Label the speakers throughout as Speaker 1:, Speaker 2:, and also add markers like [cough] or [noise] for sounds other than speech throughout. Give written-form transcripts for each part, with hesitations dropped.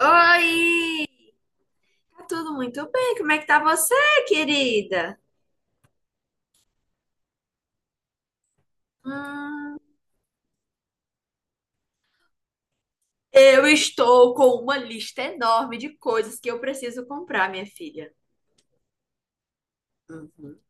Speaker 1: Oi, tá tudo muito bem? Como é que tá você, querida? Hum, eu estou com uma lista enorme de coisas que eu preciso comprar, minha filha. Uhum.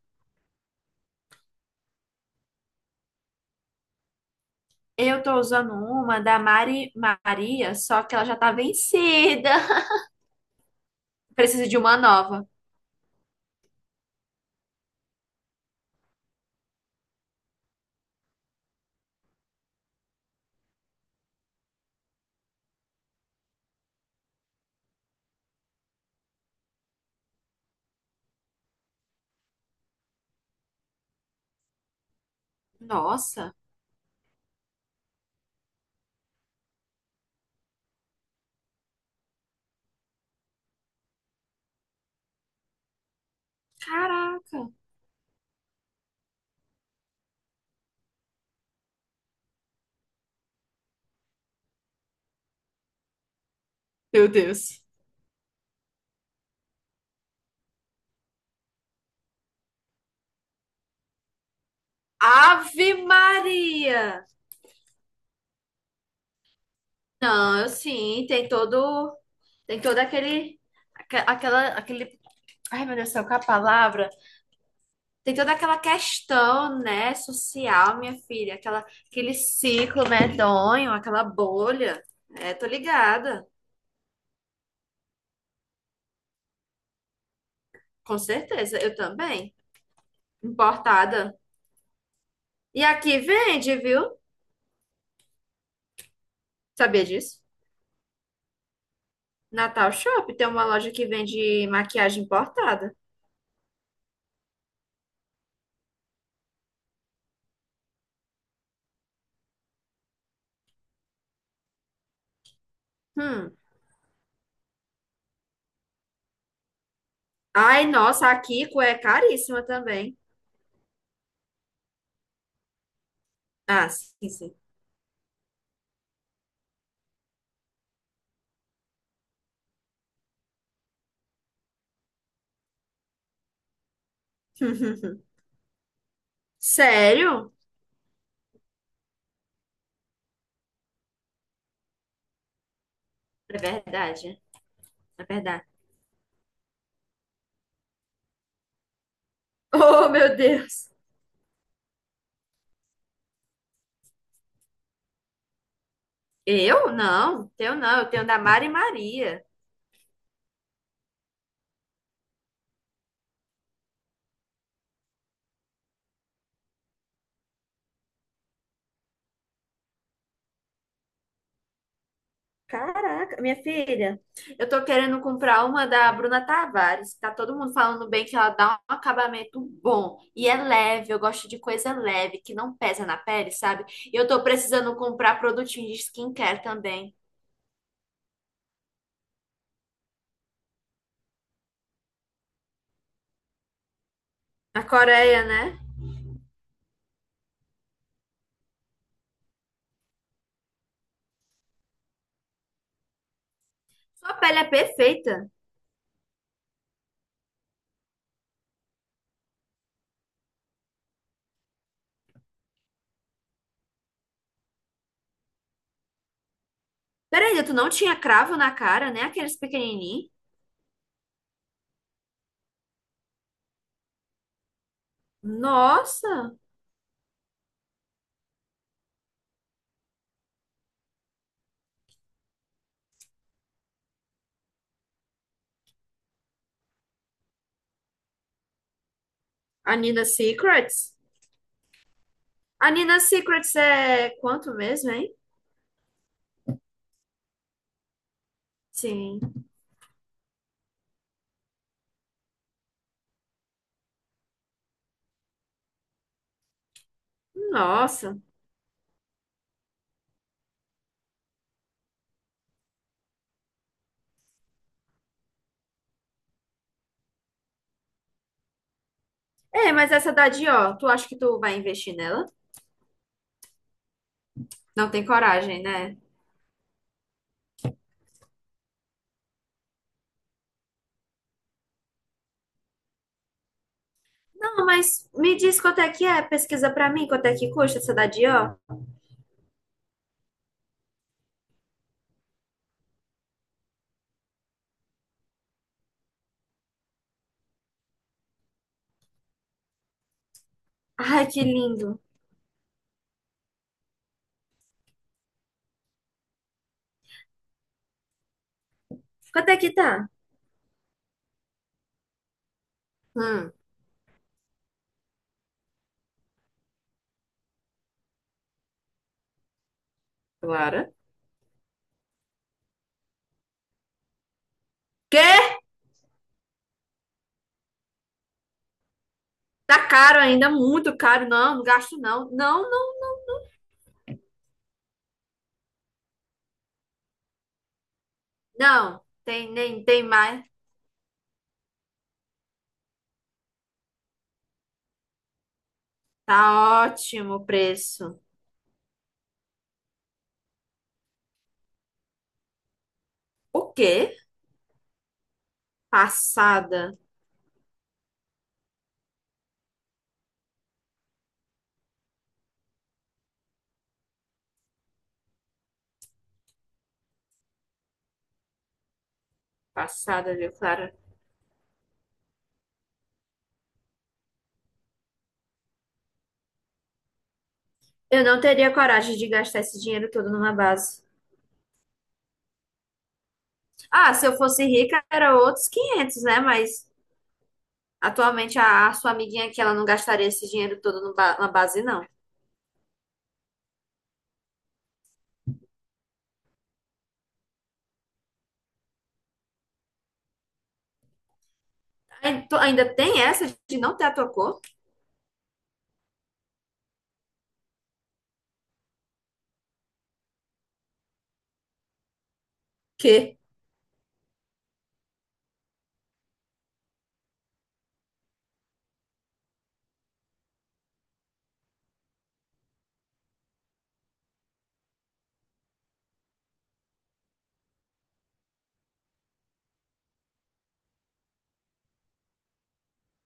Speaker 1: Eu tô usando uma da Mari Maria, só que ela já tá vencida. [laughs] Preciso de uma nova. Nossa, caraca. Meu Deus. Ave Maria! Não, eu sim, tem todo aquele, aque- aquela, aquele, ai meu Deus do céu, qual é a palavra? Tem toda aquela questão, né, social, minha filha, aquela, aquele ciclo medonho, aquela bolha. É, tô ligada, com certeza, eu também. Importada. E aqui vende, viu? Sabia disso? Natal Shop tem uma loja que vende maquiagem importada. Hum. Ai, nossa, a Kiko é caríssima também. Ah, sim, sim. [laughs] Sério? É verdade, é verdade. Oh, meu Deus. Eu? Não, teu não, eu tenho da Mari Maria. Caraca, minha filha, eu tô querendo comprar uma da Bruna Tavares. Tá todo mundo falando bem que ela dá um acabamento bom e é leve. Eu gosto de coisa leve, que não pesa na pele, sabe? E eu tô precisando comprar produtinho de skincare também. Na Coreia, né? Sua pele é perfeita. Peraí, tu não tinha cravo na cara, né? Aqueles pequenininhos? Nossa! A Nina Secrets? A Nina Secrets é quanto mesmo, hein? Sim. Nossa. É, mas essa da Dior, tu acha que tu vai investir nela? Não tem coragem, né? Não, mas me diz quanto é que é, pesquisa pra mim quanto é que custa essa da Dior. Ai, que lindo. Quanto é que tá? Hum, Clara. Quê? Tá caro ainda, muito caro. Não, não gasto não. Não. Tem nem tem mais. Tá ótimo o preço. O quê? Passada. Passada, viu, Clara? Eu não teria coragem de gastar esse dinheiro todo numa base. Ah, se eu fosse rica, era outros 500, né? Mas atualmente a sua amiguinha aqui, ela não gastaria esse dinheiro todo na base, não. Ai, tu ainda tem essa de não ter a tua cor? Que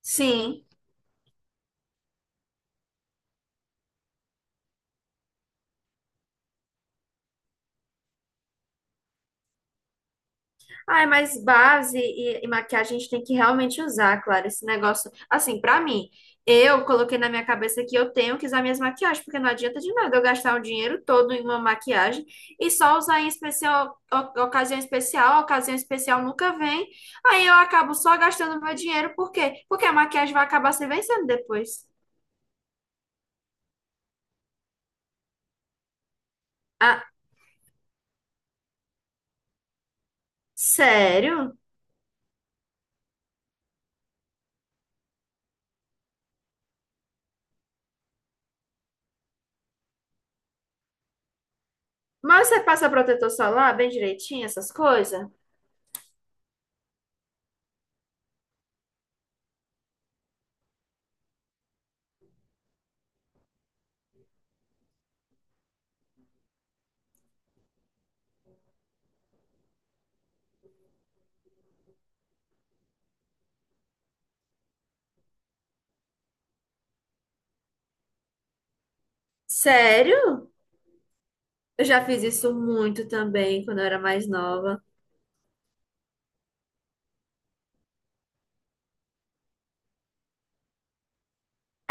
Speaker 1: sim. Ai, mas base e maquiagem a gente tem que realmente usar, claro, esse negócio. Assim, pra mim, eu coloquei na minha cabeça que eu tenho que usar minhas maquiagens, porque não adianta de nada eu gastar o dinheiro todo em uma maquiagem e só usar em especial, ocasião especial, ocasião especial nunca vem. Aí eu acabo só gastando meu dinheiro, por quê? Porque a maquiagem vai acabar se vencendo depois. Ah, sério? Mas você passa protetor solar bem direitinho, essas coisas? Sério? Eu já fiz isso muito também quando eu era mais nova.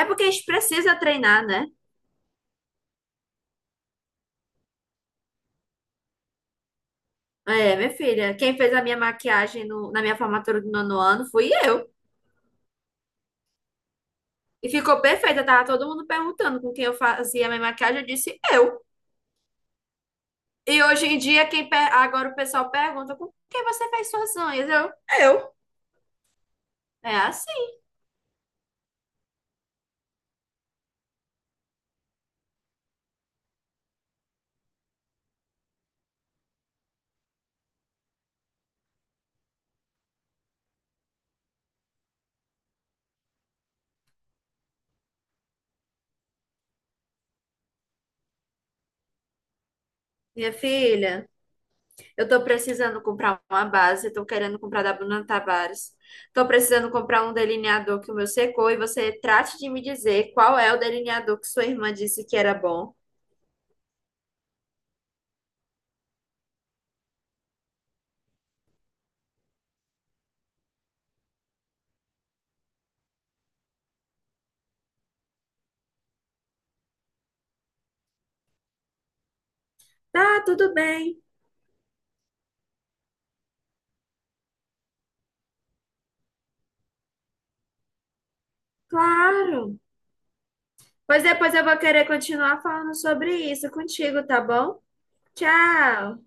Speaker 1: É porque a gente precisa treinar, né? É, minha filha, quem fez a minha maquiagem na minha formatura do nono ano fui eu. E ficou perfeita, tava todo mundo perguntando com quem eu fazia a minha maquiagem, eu disse eu. E hoje em dia, agora o pessoal pergunta com quem você fez suas unhas? Eu, eu. É assim, minha filha. Eu tô precisando comprar uma base, tô querendo comprar da Bruna Tavares. Tô precisando comprar um delineador que o meu secou e você trate de me dizer qual é o delineador que sua irmã disse que era bom. Tá, tudo bem, claro. Pois depois eu vou querer continuar falando sobre isso contigo, tá bom? Tchau.